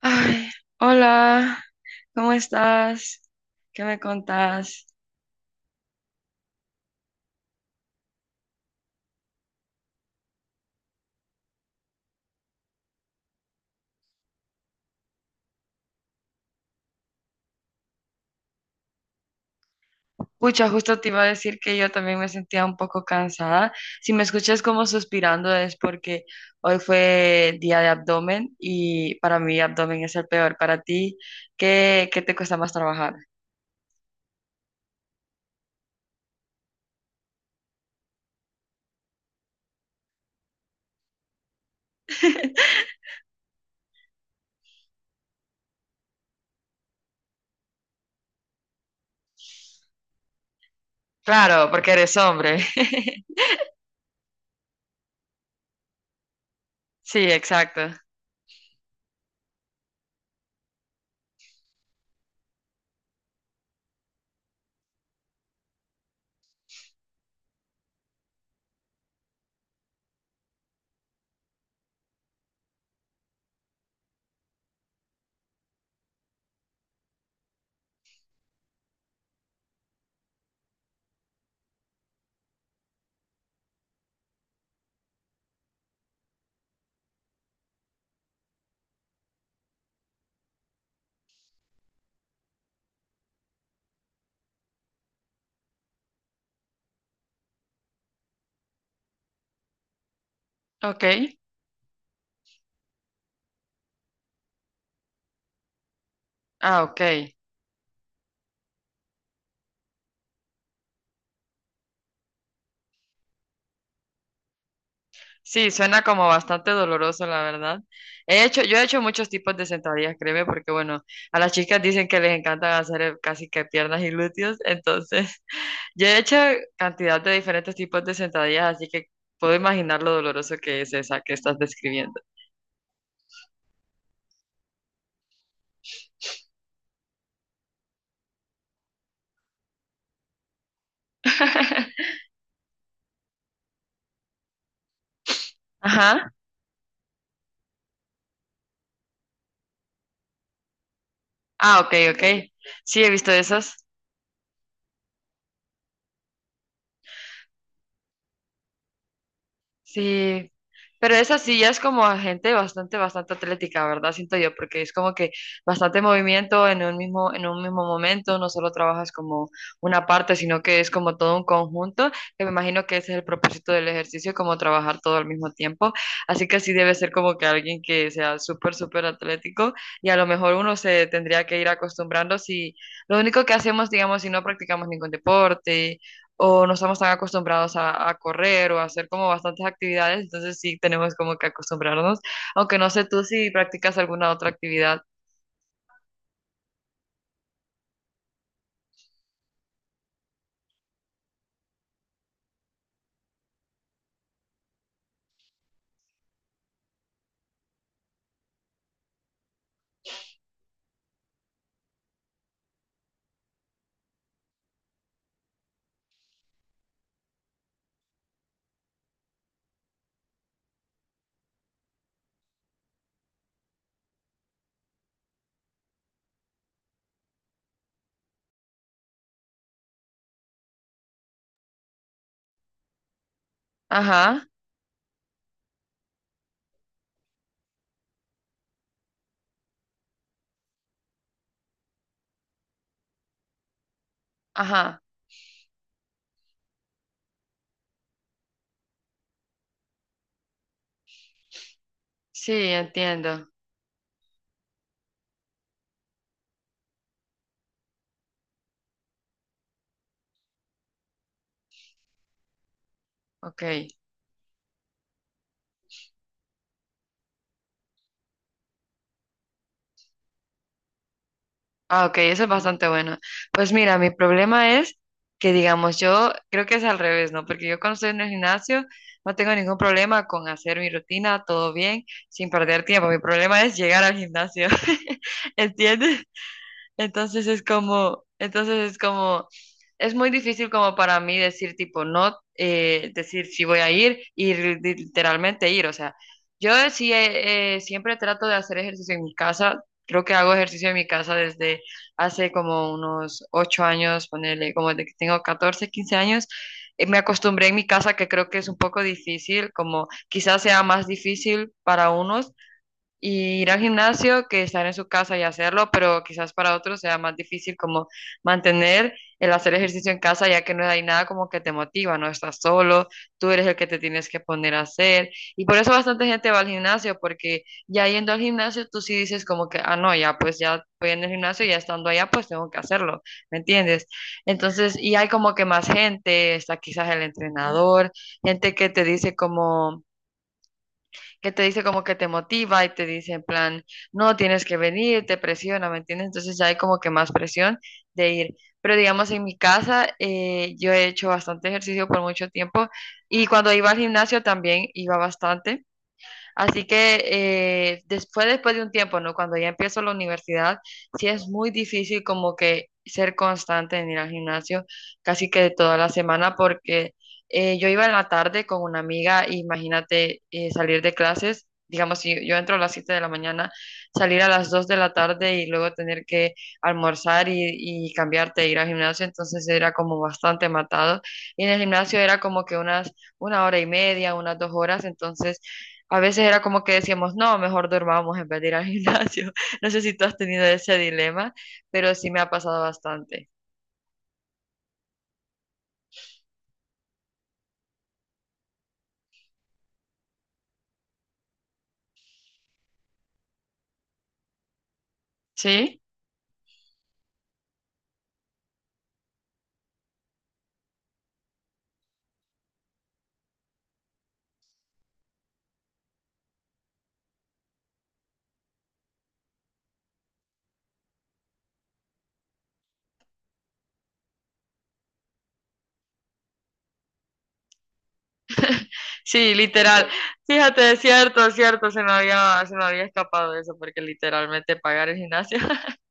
Ay, hola, ¿cómo estás? ¿Qué me contás? Pucha, justo te iba a decir que yo también me sentía un poco cansada. Si me escuchas como suspirando es porque hoy fue día de abdomen y para mí abdomen es el peor. Para ti, ¿qué te cuesta más trabajar? Claro, porque eres hombre. Sí, exacto. Ok. Ah, ok. Sí, suena como bastante doloroso, la verdad. He hecho, yo he hecho muchos tipos de sentadillas, créeme, porque bueno, a las chicas dicen que les encanta hacer casi que piernas y glúteos, entonces yo he hecho cantidad de diferentes tipos de sentadillas, así que puedo imaginar lo doloroso que es esa que estás describiendo. Ajá. Ah, ok, ok. Sí, he visto esas. Sí, pero esa sí ya es como gente bastante, bastante atlética, ¿verdad? Siento yo, porque es como que bastante movimiento en un mismo momento, no solo trabajas como una parte, sino que es como todo un conjunto, que me imagino que ese es el propósito del ejercicio, como trabajar todo al mismo tiempo. Así que sí debe ser como que alguien que sea súper, súper atlético y a lo mejor uno se tendría que ir acostumbrando si lo único que hacemos, digamos, si no practicamos ningún deporte o no estamos tan acostumbrados a correr o a hacer como bastantes actividades, entonces sí tenemos como que acostumbrarnos, aunque no sé tú si practicas alguna otra actividad. Ajá, ajá, sí, entiendo. Ok. Ah, ok, eso es bastante bueno. Pues mira, mi problema es que, digamos, yo creo que es al revés, ¿no? Porque yo cuando estoy en el gimnasio no tengo ningún problema con hacer mi rutina, todo bien, sin perder tiempo. Mi problema es llegar al gimnasio, ¿entiendes? Entonces es como, es muy difícil como para mí decir tipo no, decir si voy a ir literalmente ir. O sea, yo sí siempre trato de hacer ejercicio en mi casa. Creo que hago ejercicio en mi casa desde hace como unos 8 años, ponerle como de que tengo 14 15 años. Me acostumbré en mi casa, que creo que es un poco difícil, como quizás sea más difícil para unos, y ir al gimnasio que estar en su casa y hacerlo, pero quizás para otros sea más difícil como mantener el hacer ejercicio en casa, ya que no hay nada como que te motiva, no estás solo, tú eres el que te tienes que poner a hacer. Y por eso bastante gente va al gimnasio, porque ya yendo al gimnasio tú sí dices como que, ah, no, ya pues ya voy en el gimnasio, ya estando allá pues tengo que hacerlo, ¿me entiendes? Entonces, y hay como que más gente, está quizás el entrenador, gente que te dice como que te motiva y te dice en plan, no, tienes que venir, te presiona, ¿me entiendes? Entonces ya hay como que más presión de ir. Pero digamos, en mi casa yo he hecho bastante ejercicio por mucho tiempo y cuando iba al gimnasio también iba bastante. Así que después de un tiempo, ¿no? Cuando ya empiezo la universidad, sí es muy difícil como que ser constante en ir al gimnasio casi que toda la semana porque yo iba en la tarde con una amiga, imagínate salir de clases, digamos, si yo entro a las 7 de la mañana, salir a las 2 de la tarde y luego tener que almorzar y cambiarte, e ir al gimnasio, entonces era como bastante matado. Y en el gimnasio era como que 1 hora y media, unas 2 horas, entonces a veces era como que decíamos, no, mejor durmamos en vez de ir al gimnasio. No sé si tú has tenido ese dilema, pero sí me ha pasado bastante. ¿Sí? Sí, literal. Fíjate, es cierto, se me había escapado eso, porque literalmente pagar el gimnasio.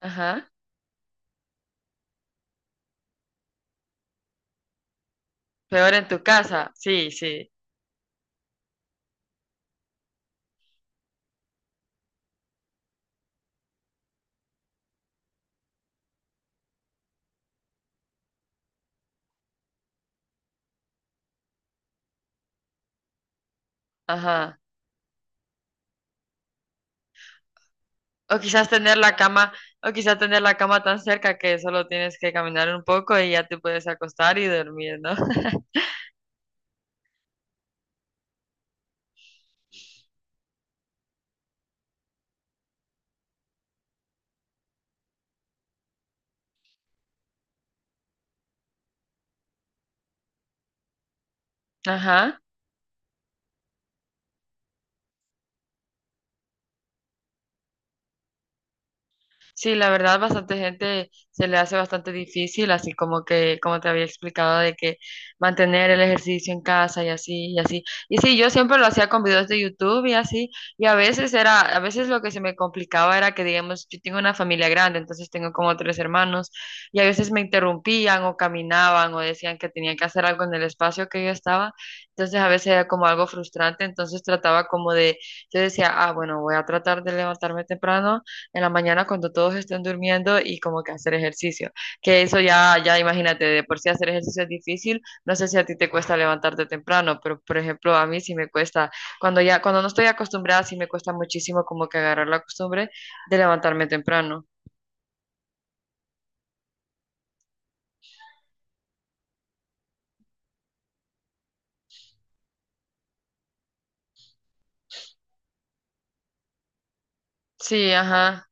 Ajá. Peor en tu casa. Sí, sí. Ajá. O quizás tener la cama, tan cerca que solo tienes que caminar un poco y ya te puedes acostar y dormir, ¿no? Ajá. Sí, la verdad, bastante gente se le hace bastante difícil, así como que, como te había explicado, de que mantener el ejercicio en casa y así, y así. Y sí, yo siempre lo hacía con videos de YouTube y así, y a veces era, a veces lo que se me complicaba era que, digamos, yo tengo una familia grande, entonces tengo como tres hermanos, y a veces me interrumpían o caminaban o decían que tenía que hacer algo en el espacio que yo estaba, entonces a veces era como algo frustrante, entonces trataba como de, yo decía, ah, bueno, voy a tratar de levantarme temprano en la mañana cuando todos estén durmiendo y como que hacer ejercicio. Que eso ya, ya imagínate, de por sí hacer ejercicio es difícil. No sé si a ti te cuesta levantarte temprano, pero por ejemplo a mí sí me cuesta, cuando ya, cuando no estoy acostumbrada, sí me cuesta muchísimo como que agarrar la costumbre de levantarme temprano. Sí, ajá.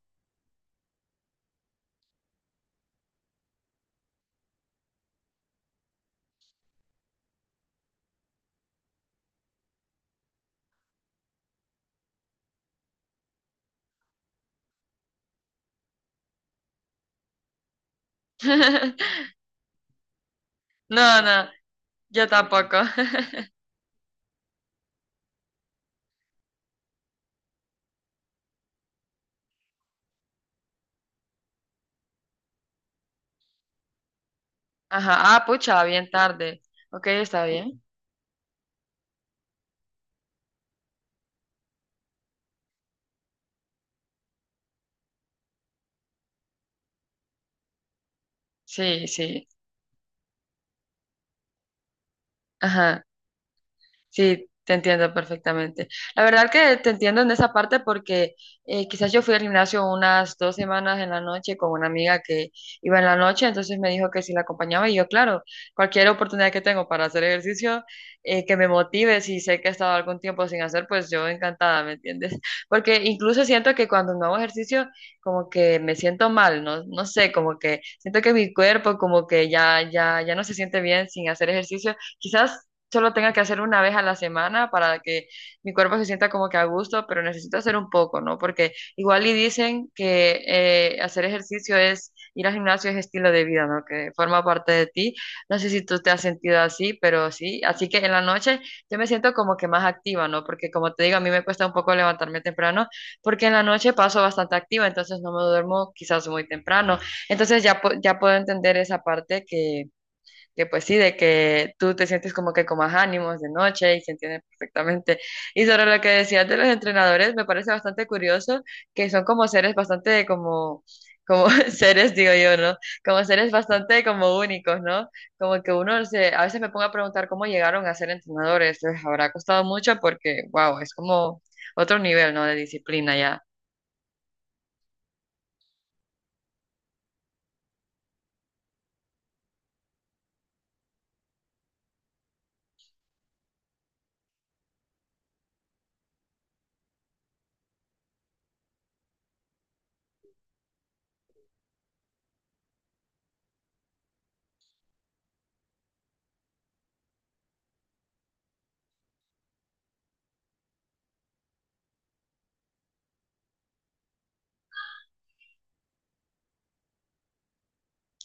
No, no, yo tampoco. Ajá, ah, pucha, bien tarde. Ok, está bien. Sí, sí. Ajá. Sí, te entiendo perfectamente. La verdad que te entiendo en esa parte porque quizás yo fui al gimnasio unas 2 semanas en la noche con una amiga que iba en la noche, entonces me dijo que si la acompañaba y yo, claro, cualquier oportunidad que tengo para hacer ejercicio que me motive, si sé que he estado algún tiempo sin hacer, pues yo encantada, ¿me entiendes? Porque incluso siento que cuando no hago ejercicio, como que me siento mal, no, no sé, como que siento que mi cuerpo como que ya no se siente bien sin hacer ejercicio. Quizás solo tenga que hacer una vez a la semana para que mi cuerpo se sienta como que a gusto, pero necesito hacer un poco, ¿no? Porque igual y dicen que hacer ejercicio es, ir al gimnasio es estilo de vida, ¿no? Que forma parte de ti. No sé si tú te has sentido así, pero sí. Así que en la noche yo me siento como que más activa, ¿no? Porque como te digo, a mí me cuesta un poco levantarme temprano, porque en la noche paso bastante activa, entonces no me duermo quizás muy temprano. Entonces ya, ya puedo entender esa parte que pues sí, de que tú te sientes como que con más ánimos de noche y se entiende perfectamente. Y sobre lo que decías de los entrenadores, me parece bastante curioso que son como seres bastante como, como seres, digo yo, ¿no? Como seres bastante como únicos, ¿no? Como que uno se, a veces me pongo a preguntar cómo llegaron a ser entrenadores, les habrá costado mucho porque, wow, es como otro nivel, ¿no? De disciplina ya.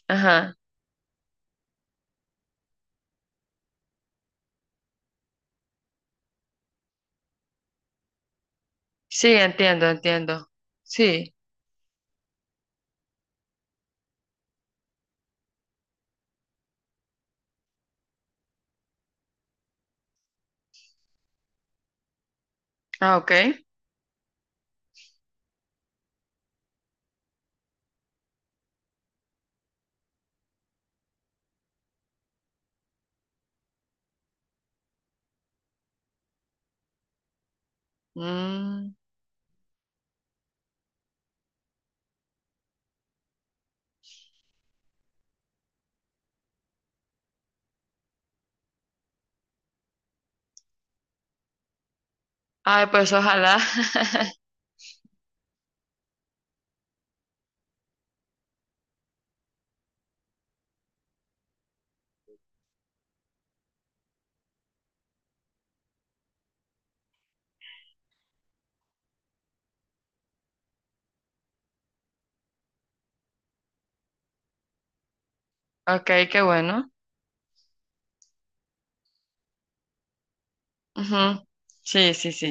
Ajá. Sí, entiendo, entiendo. Sí. Ah, ok. Mm. Ay, pues ojalá. Ok, qué bueno. Ujú. Sí, sí, sí.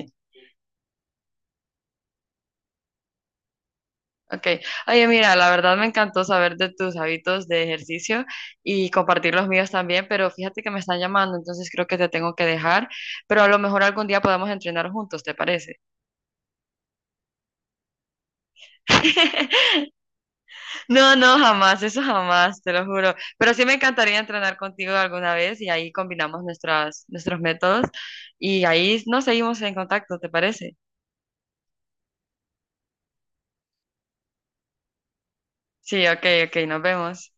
Ok. Oye, mira, la verdad me encantó saber de tus hábitos de ejercicio y compartir los míos también, pero fíjate que me están llamando, entonces creo que te tengo que dejar, pero a lo mejor algún día podemos entrenar juntos, ¿te parece? No, no, jamás, eso jamás, te lo juro. Pero sí me encantaría entrenar contigo alguna vez y ahí combinamos nuestras, nuestros métodos y ahí nos seguimos en contacto, ¿te parece? Sí, ok, ok, nos vemos.